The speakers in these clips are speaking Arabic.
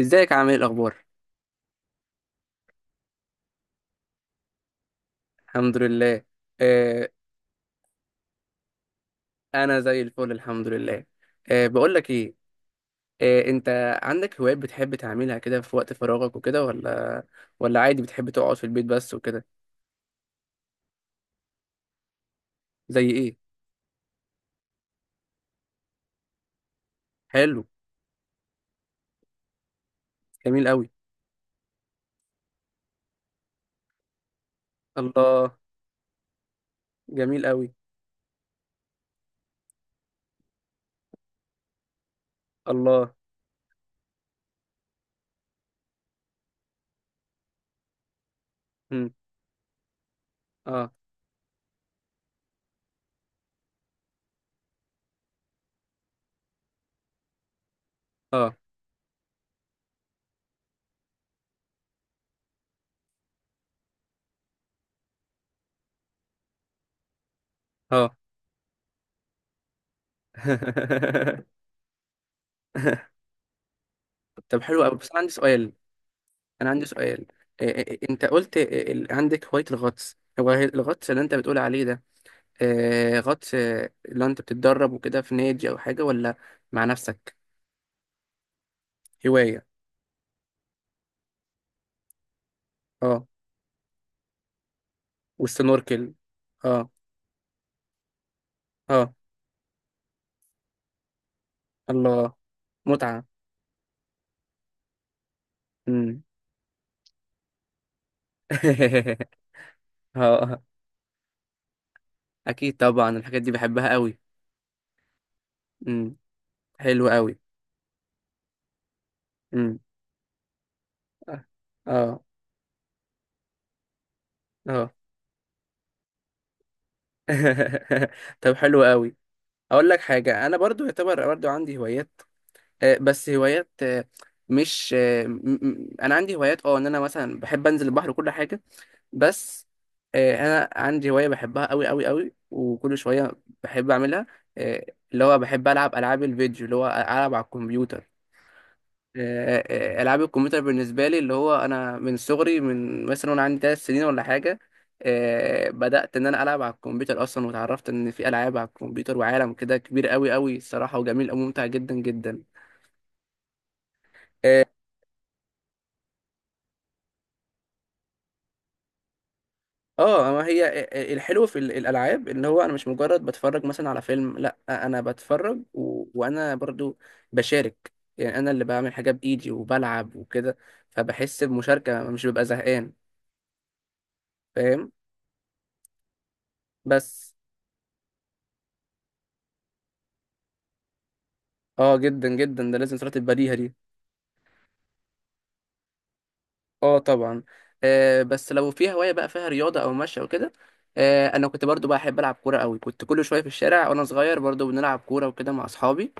ازيك؟ عامل ايه؟ الاخبار؟ الحمد لله. آه انا زي الفل، الحمد لله. بقول لك ايه، انت عندك هوايات بتحب تعملها كده في وقت فراغك وكده، ولا عادي بتحب تقعد في البيت بس وكده؟ زي ايه؟ حلو. جميل قوي. الله. جميل قوي. الله. مم. اه اه اه. طب حلو قوي، بس انا عندي سؤال. انا عندي سؤال. انت قلت، عندك هواية الغطس، هو الغطس اللي انت بتقول عليه ده، غطس، اللي انت بتتدرب وكده في نادي او حاجه، ولا مع نفسك؟ هوايه. اه. والسنوركل. اه. اه. الله. متعه. امم. اه اكيد طبعا، الحاجات دي بحبها قوي. امم. حلوه قوي. امم. اه. اه. طب حلو قوي. اقول لك حاجه، انا برضو يعتبر برضو عندي هوايات، بس هوايات، مش انا عندي هوايات، ان انا مثلا بحب انزل البحر وكل حاجه بس. انا عندي هوايه بحبها قوي قوي قوي، وكل شويه بحب اعملها. آه، اللي هو بحب العب العاب الفيديو، اللي هو العب على الكمبيوتر. آه، العاب الكمبيوتر بالنسبه لي، اللي هو انا من صغري، من مثلا وانا عندي 3 سنين ولا حاجه، بدات ان انا العب على الكمبيوتر اصلا، وتعرفت ان في العاب على الكمبيوتر، وعالم كده كبير قوي قوي الصراحه، وجميل وممتع جدا جدا. آه، اه ما هي الحلو في الالعاب ان هو انا مش مجرد بتفرج مثلا على فيلم، لا انا بتفرج وانا برضو بشارك، يعني انا اللي بعمل حاجه بايدي وبلعب وكده. فبحس بمشاركه مش ببقى زهقان. فاهم؟ بس اه جدا جدا ده، لازم صلاه البديهه دي. اه طبعا. آه، بس لو في هوايه بقى فيها رياضه او مشي او كده، آه انا كنت برضو بحب العب كوره قوي، كنت كل شويه في الشارع وانا صغير برضو بنلعب كوره وكده مع اصحابي.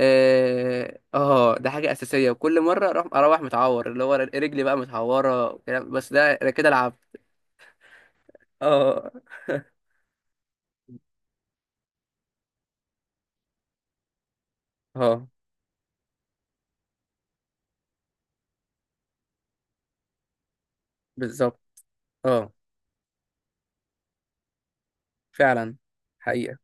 اه، ده حاجه اساسيه. وكل مره اروح، اروح متعور، اللي هو رجلي بقى متعوره، وكلام- بس ده انا كده لعبت. اه. اه، بالظبط. اه فعلا. حقيقه.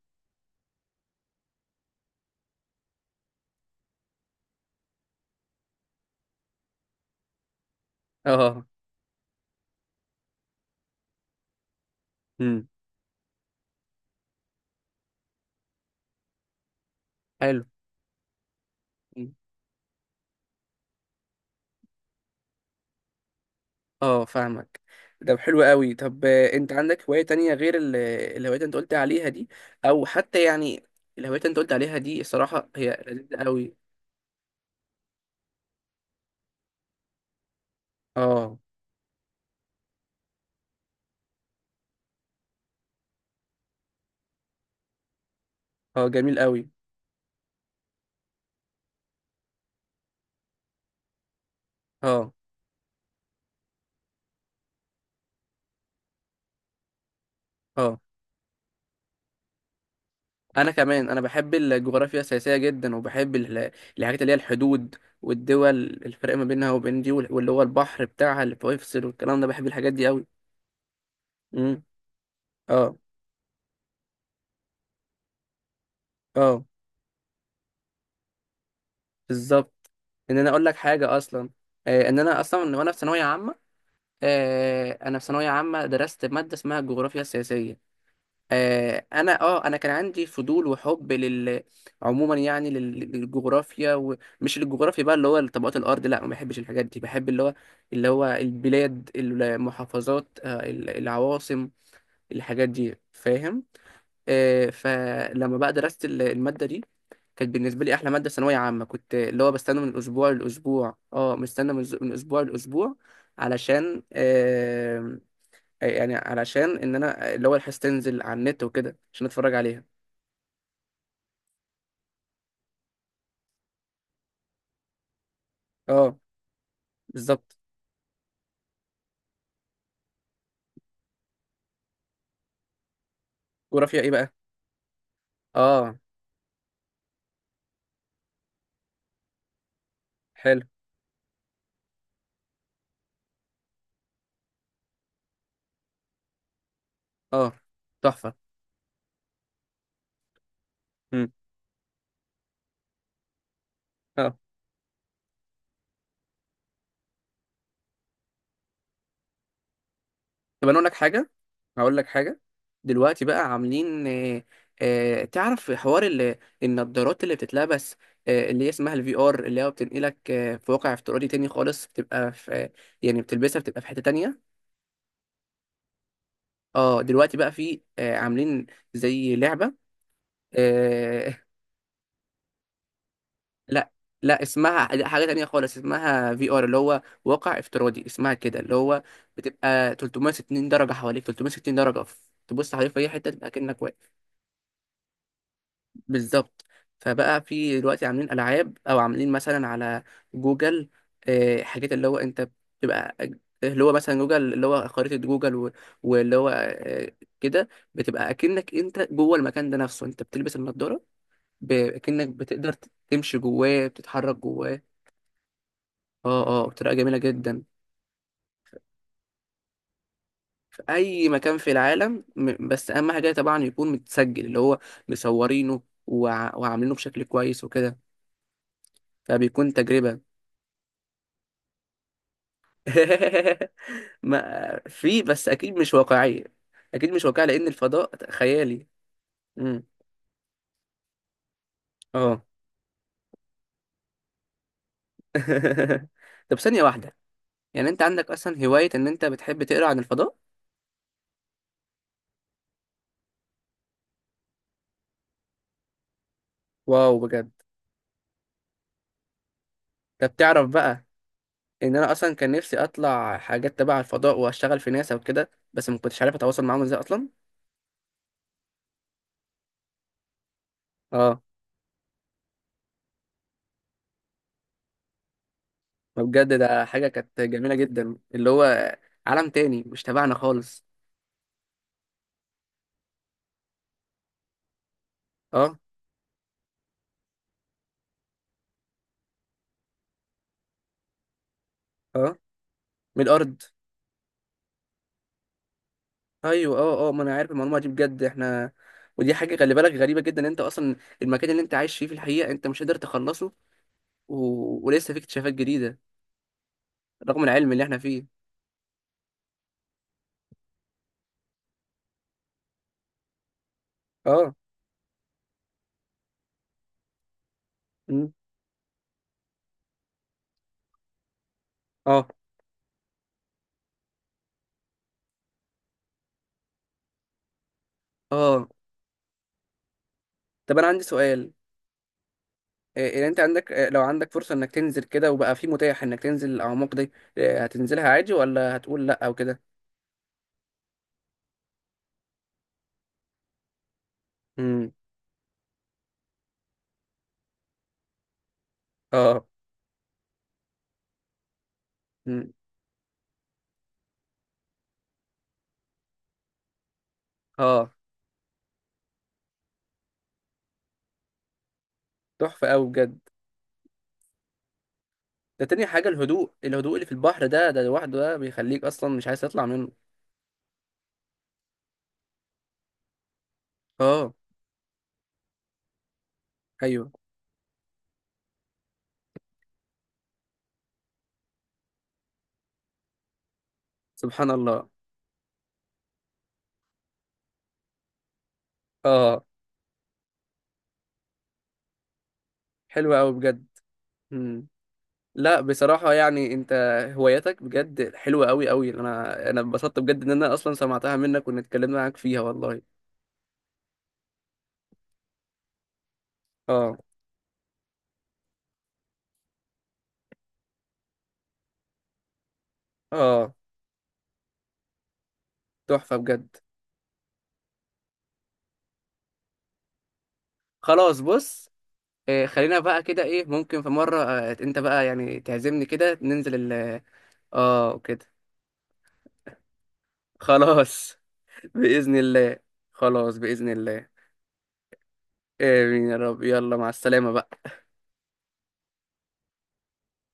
اه. امم. حلو. مم. اه فاهمك. ده حلو قوي. طب آه، انت عندك هوايه تانية غير الهوايات اللي انت قلت عليها دي؟ او حتى يعني الهوايات اللي انت قلت عليها دي الصراحه هي لذيذه قوي. اه اه. جميل قوي. اه. اه. انا كمان، انا بحب الجغرافيا السياسيه جدا، وبحب الحاجات اللي هي الحدود والدول، الفرق ما بينها وبين دي، وال- واللي هو البحر بتاعها اللي بيفصل، والكلام ده. بحب الحاجات دي قوي. امم. اه اه. بالظبط. ان انا اقول لك حاجه اصلا، آه ان انا اصلا وانا في ثانويه عامه، آه انا في ثانويه عامه درست ماده اسمها الجغرافيا السياسيه. آه، انا كان عندي فضول وحب لل عموما، يعني للجغرافيا، ومش للجغرافيا بقى اللي هو طبقات الارض، لا ما بحبش الحاجات دي، بحب اللي هو البلاد، المحافظات، العواصم، الحاجات دي. فاهم؟ آه، فلما بقى درست الماده دي، كانت بالنسبه لي احلى ماده ثانويه عامه، كنت اللي هو بستنى من الاسبوع للاسبوع، اه مستنى من اسبوع لاسبوع، علشان، يعني علشان ان انا، اللي هو الحاس تنزل على النت وكده عشان اتفرج عليها. اه بالظبط. جغرافيا ايه بقى؟ اه. حلو. اه. تحفه. امم. اه. طب انا اقول لك حاجه، هقول لك حاجه. دلوقتي بقى عاملين آه، آه تعرف حوار النضارات اللي بتتلبس؟ آه اللي هي اسمها الـVR، اللي هو بتنقلك آه في واقع افتراضي تاني خالص، بتبقى في آه، يعني بتلبسها بتبقى في حته تانيه. اه دلوقتي بقى في آه عاملين زي لعبه. آه، لا، لا اسمها، لا، حاجة تانية خالص. اسمها VR، اللي هو واقع افتراضي، اسمها كده. اللي هو بتبقى 360 درجة حواليك، 360 درجة. تبص حواليك في أي حتة، تبقى كأنك واقف. بالظبط. فبقى في دلوقتي عاملين ألعاب، أو عاملين مثلا على جوجل، حاجات اللي هو أنت بتبقى اللي هو مثلا جوجل، اللي هو خريطة جوجل و- واللي هو، كده بتبقى أكنك أنت جوه المكان ده نفسه، أنت بتلبس النضارة. أكنك بتقدر تمشي جواه، بتتحرك جواه. اه اه، بطريقه جميله جدا. في اي مكان في العالم، بس اهم حاجه طبعا يكون متسجل، اللي هو مصورينه، وع وعاملينه بشكل كويس وكده، فبيكون تجربه. ما في، بس اكيد مش واقعيه. اكيد مش واقعيه لان الفضاء خيالي. امم. اه. طب ثانيه واحده، يعني انت عندك اصلا هوايه ان انت بتحب تقرا عن الفضاء؟ واو، بجد؟ طب تعرف بقى، ان انا اصلا كان نفسي اطلع حاجات تبع الفضاء واشتغل في ناسا وكده، بس ما كنتش عارف اتواصل معاهم ازاي اصلا. اه. فبجد ده حاجة كانت جميلة جدا، اللي هو عالم تاني مش تبعنا خالص. اه. اه. من الأرض. أيوه اه اه، ما أنا عارف المعلومة دي. بجد احنا، ودي حاجة خلي بالك غريبة جدا. أنت أصلا المكان اللي أنت عايش فيه في الحقيقة أنت مش قادر تخلصه. و... ولسه في اكتشافات جديدة رغم العلم اللي احنا فيه. اه. مم. اه اه. طب أنا عندي سؤال. إيه إيه أنت عندك، لو عندك فرصة إنك تنزل كده وبقى في متاح إنك تنزل الأعماق دي، هتنزلها عادي، ولا هتقول لأ أو كده؟ مم. اه اه. تحفة قوي بجد. ده تاني حاجة، الهدوء، الهدوء اللي في البحر ده، ده لوحده ده بيخليك أصلا مش عايز تطلع منه. اه. أيوه. سبحان الله. اه. حلوة قوي بجد. مم. لا بصراحة يعني أنت، هواياتك بجد حلوة قوي قوي. أنا اتبسطت بجد، إن أنا أصلا سمعتها منك وإن اتكلمنا معاك فيها والله. اه اه. تحفة بجد. خلاص بص، آه خلينا بقى كده إيه، ممكن في مرة آه أنت بقى يعني تعزمني كده ننزل ال، اه كده. خلاص بإذن الله. خلاص بإذن الله. آمين يا رب، يلا مع السلامة بقى.